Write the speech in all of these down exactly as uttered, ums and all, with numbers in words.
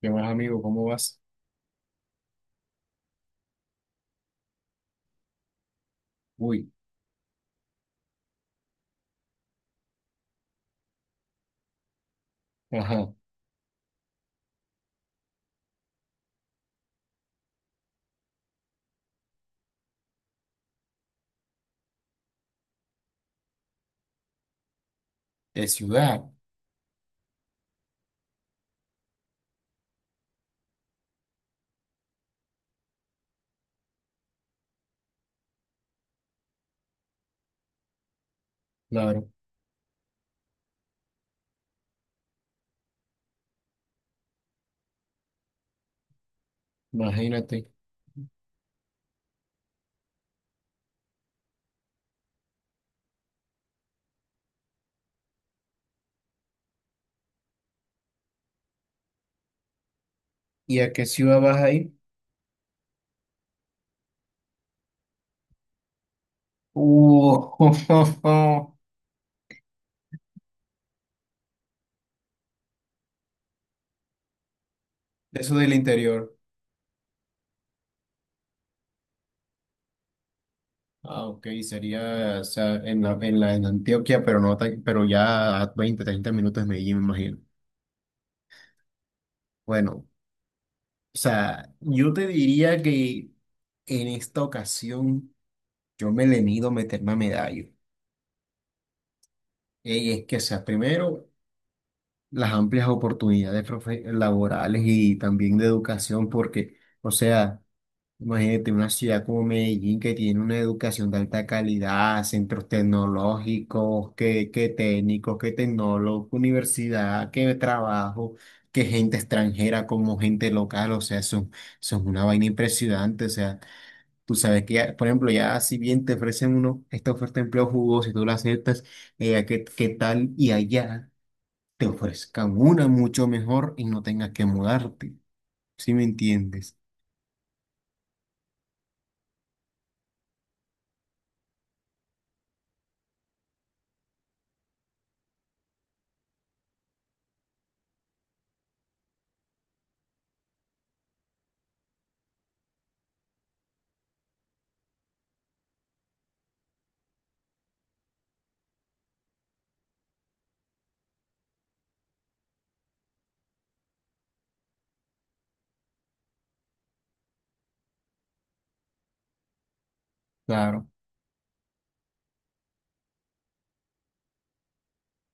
¿Qué más, amigo? ¿Cómo vas? Uy. Ajá. De ciudad. Claro. Imagínate. ¿Y a qué ciudad vas ahí? Uh, de eso del interior. Ah, ok, sería, o sea, en la, en la, en Antioquia, pero no tan- pero ya a veinte a treinta minutos de Medellín, me imagino. Bueno, o sea, yo te diría que en esta ocasión yo me le mido meterme a medallo. Y es que, o sea, primero, las amplias oportunidades profe- laborales y también de educación, porque, o sea, imagínate una ciudad como Medellín, que tiene una educación de alta calidad, centros tecnológicos, que, que técnicos, que tecnólogos, universidad, que trabajo, que gente extranjera como gente local, o sea, son, son una vaina impresionante. O sea, tú sabes que ya, por ejemplo, ya si bien te ofrecen uno, esta oferta de empleo jugoso y tú la aceptas, eh, ¿qué, qué tal? Y allá te ofrezcan una mucho mejor y no tengas que mudarte. ¿Sí me entiendes? Claro.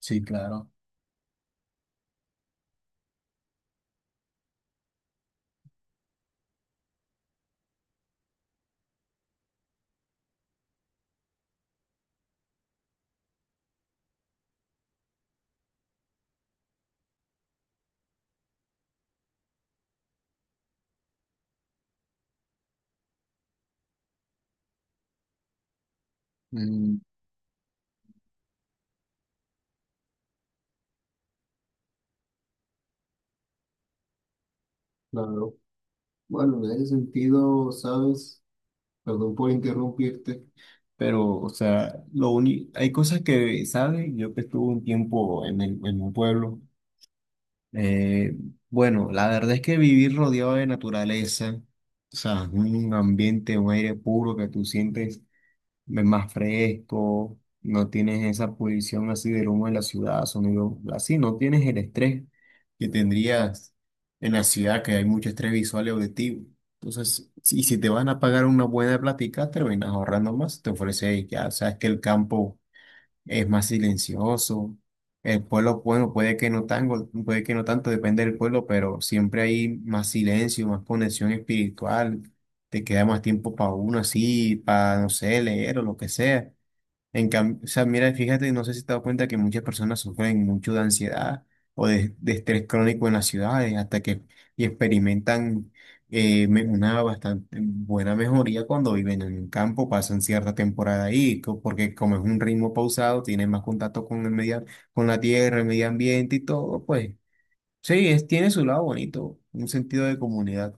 Sí, claro. Mm. Claro. Bueno, en ese sentido, ¿sabes? Perdón por interrumpirte, pero, o sea, lo único, hay cosas que, ¿sabes? Yo que estuve un tiempo en el, en un pueblo, eh, bueno, la verdad es que vivir rodeado de naturaleza, o sea, un ambiente, un aire puro que tú sientes, es más fresco, no tienes esa polución así del humo de la ciudad, sonido así, no tienes el estrés que tendrías en la ciudad, que hay mucho estrés visual y auditivo. Entonces, si, si te van a pagar una buena plática, terminas ahorrando más, te ofrece, ya sabes que el campo es más silencioso. El pueblo, bueno, puede que no tanto, puede que no tanto, depende del pueblo, pero siempre hay más silencio, más conexión espiritual, te queda más tiempo para uno así, para, no sé, leer o lo que sea. En cambio, o sea, mira, fíjate, no sé si te has dado cuenta que muchas personas sufren mucho de ansiedad o de, de estrés crónico en las ciudades, hasta que y experimentan eh, me- una bastante buena mejoría cuando viven en el campo, pasan cierta temporada ahí, co- porque como es un ritmo pausado, tienen más contacto con el medio, con la tierra, el medio ambiente y todo. Pues sí, es, tiene su lado bonito, un sentido de comunidad.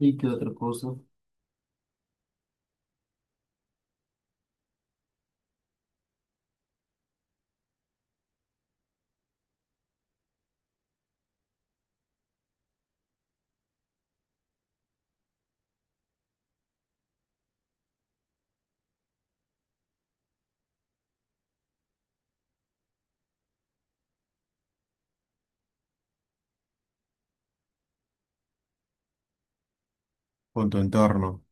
¿Y qué otra cosa? Con tu entorno.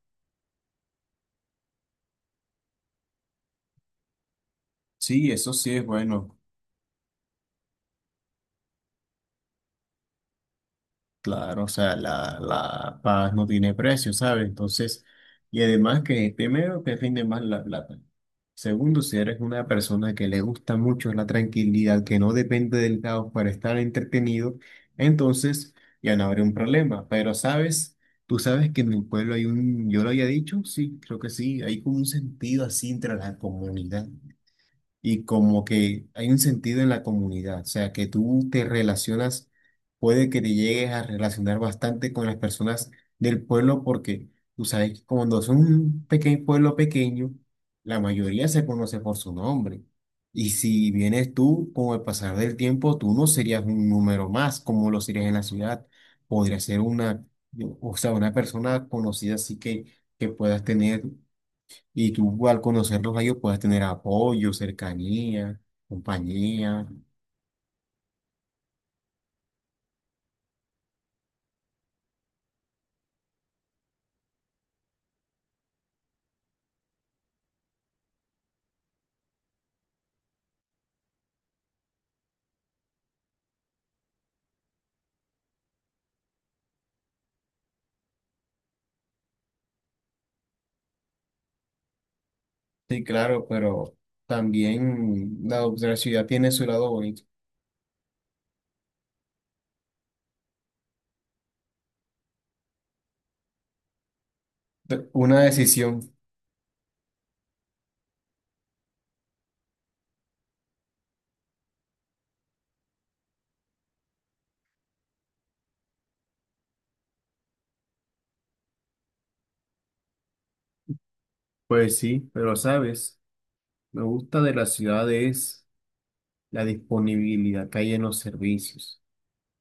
Sí, eso sí es bueno. Claro, o sea, la, la paz no tiene precio, ¿sabes? Entonces, y además que primero te rinde más la plata. Segundo, si eres una persona que le gusta mucho la tranquilidad, que no depende del caos para estar entretenido, entonces ya no habrá un problema. Pero, ¿sabes? Tú sabes que en mi pueblo hay un, yo lo había dicho, sí, creo que sí, hay como un sentido así entre la comunidad y como que hay un sentido en la comunidad, o sea, que tú te relacionas, puede que te llegues a relacionar bastante con las personas del pueblo, porque tú sabes que cuando es un pequeño pueblo pequeño, la mayoría se conoce por su nombre. Y si vienes tú, con el pasar del tiempo, tú no serías un número más como lo serías en la ciudad. Podrías ser una, o sea, una persona conocida, así que, que puedas tener. Y tú al conocerlos a ellos puedes tener apoyo, cercanía, compañía. Sí, claro, pero también la ciudad tiene su lado bonito. Te- Una decisión. Pues sí, pero sabes, me gusta de la ciudad es la disponibilidad que hay en los servicios.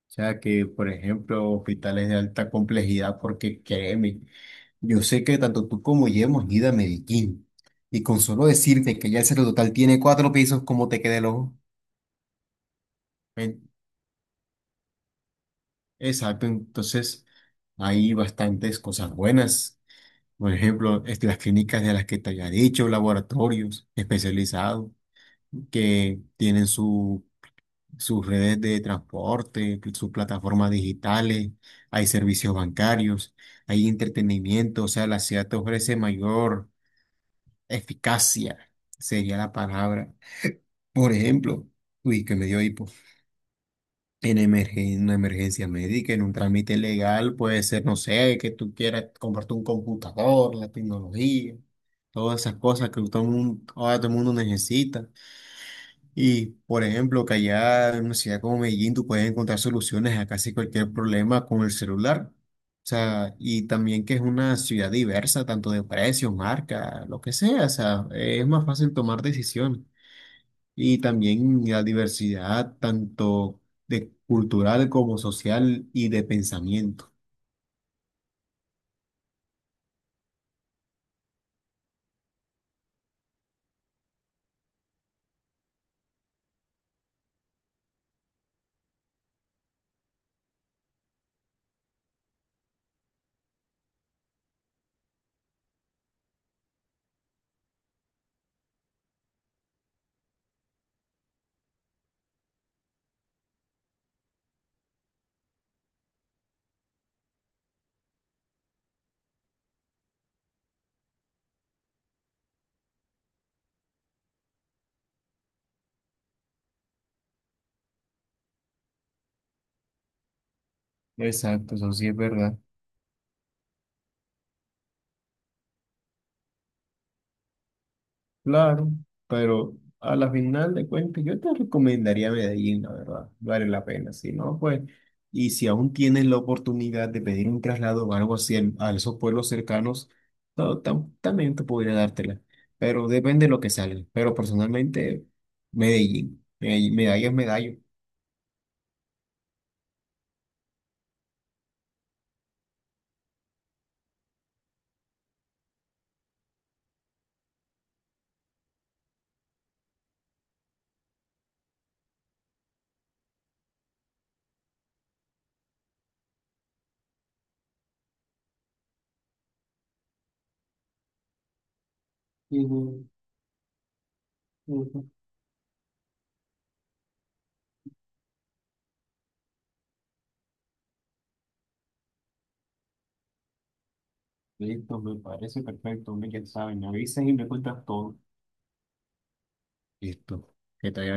O sea que, por ejemplo, hospitales de alta complejidad, porque créeme, yo sé que tanto tú como yo hemos ido a Medellín. Y con solo decirte que ya el Total tiene cuatro pisos, como te queda el ojo? Exacto, entonces hay bastantes cosas buenas. Por ejemplo, este, las clínicas de las que te había dicho, laboratorios especializados que tienen su, sus redes de transporte, sus plataformas digitales, hay servicios bancarios, hay entretenimiento. O sea, la ciudad te ofrece mayor eficacia, sería la palabra. Por ejemplo, uy, que me dio hipo. En emergen- una emergencia médica, en un trámite legal, puede ser, no sé, que tú quieras comprarte un computador, la tecnología, todas esas cosas que todo el mundo, ahora todo el mundo necesita. Y, por ejemplo, que allá en una ciudad como Medellín tú puedes encontrar soluciones a casi cualquier problema con el celular. O sea, y también que es una ciudad diversa, tanto de precios, marca, lo que sea. O sea, es más fácil tomar decisiones. Y también la diversidad tanto de cultural como social y de pensamiento. Exacto, eso sí es verdad. Claro, pero a la final de cuentas yo te recomendaría Medellín, la verdad, vale la pena. Si no, pues, y si aún tienes la oportunidad de pedir un traslado o algo así en- a esos pueblos cercanos, no, tam- también te podría dártela, pero depende de lo que salga. Pero personalmente Medellín, Medellín, medalla es medallo. Ujú, ujú. Listo, me parece perfecto. Hombre, ya saben, me avisas y me cuentas todo. Listo. Que te vaya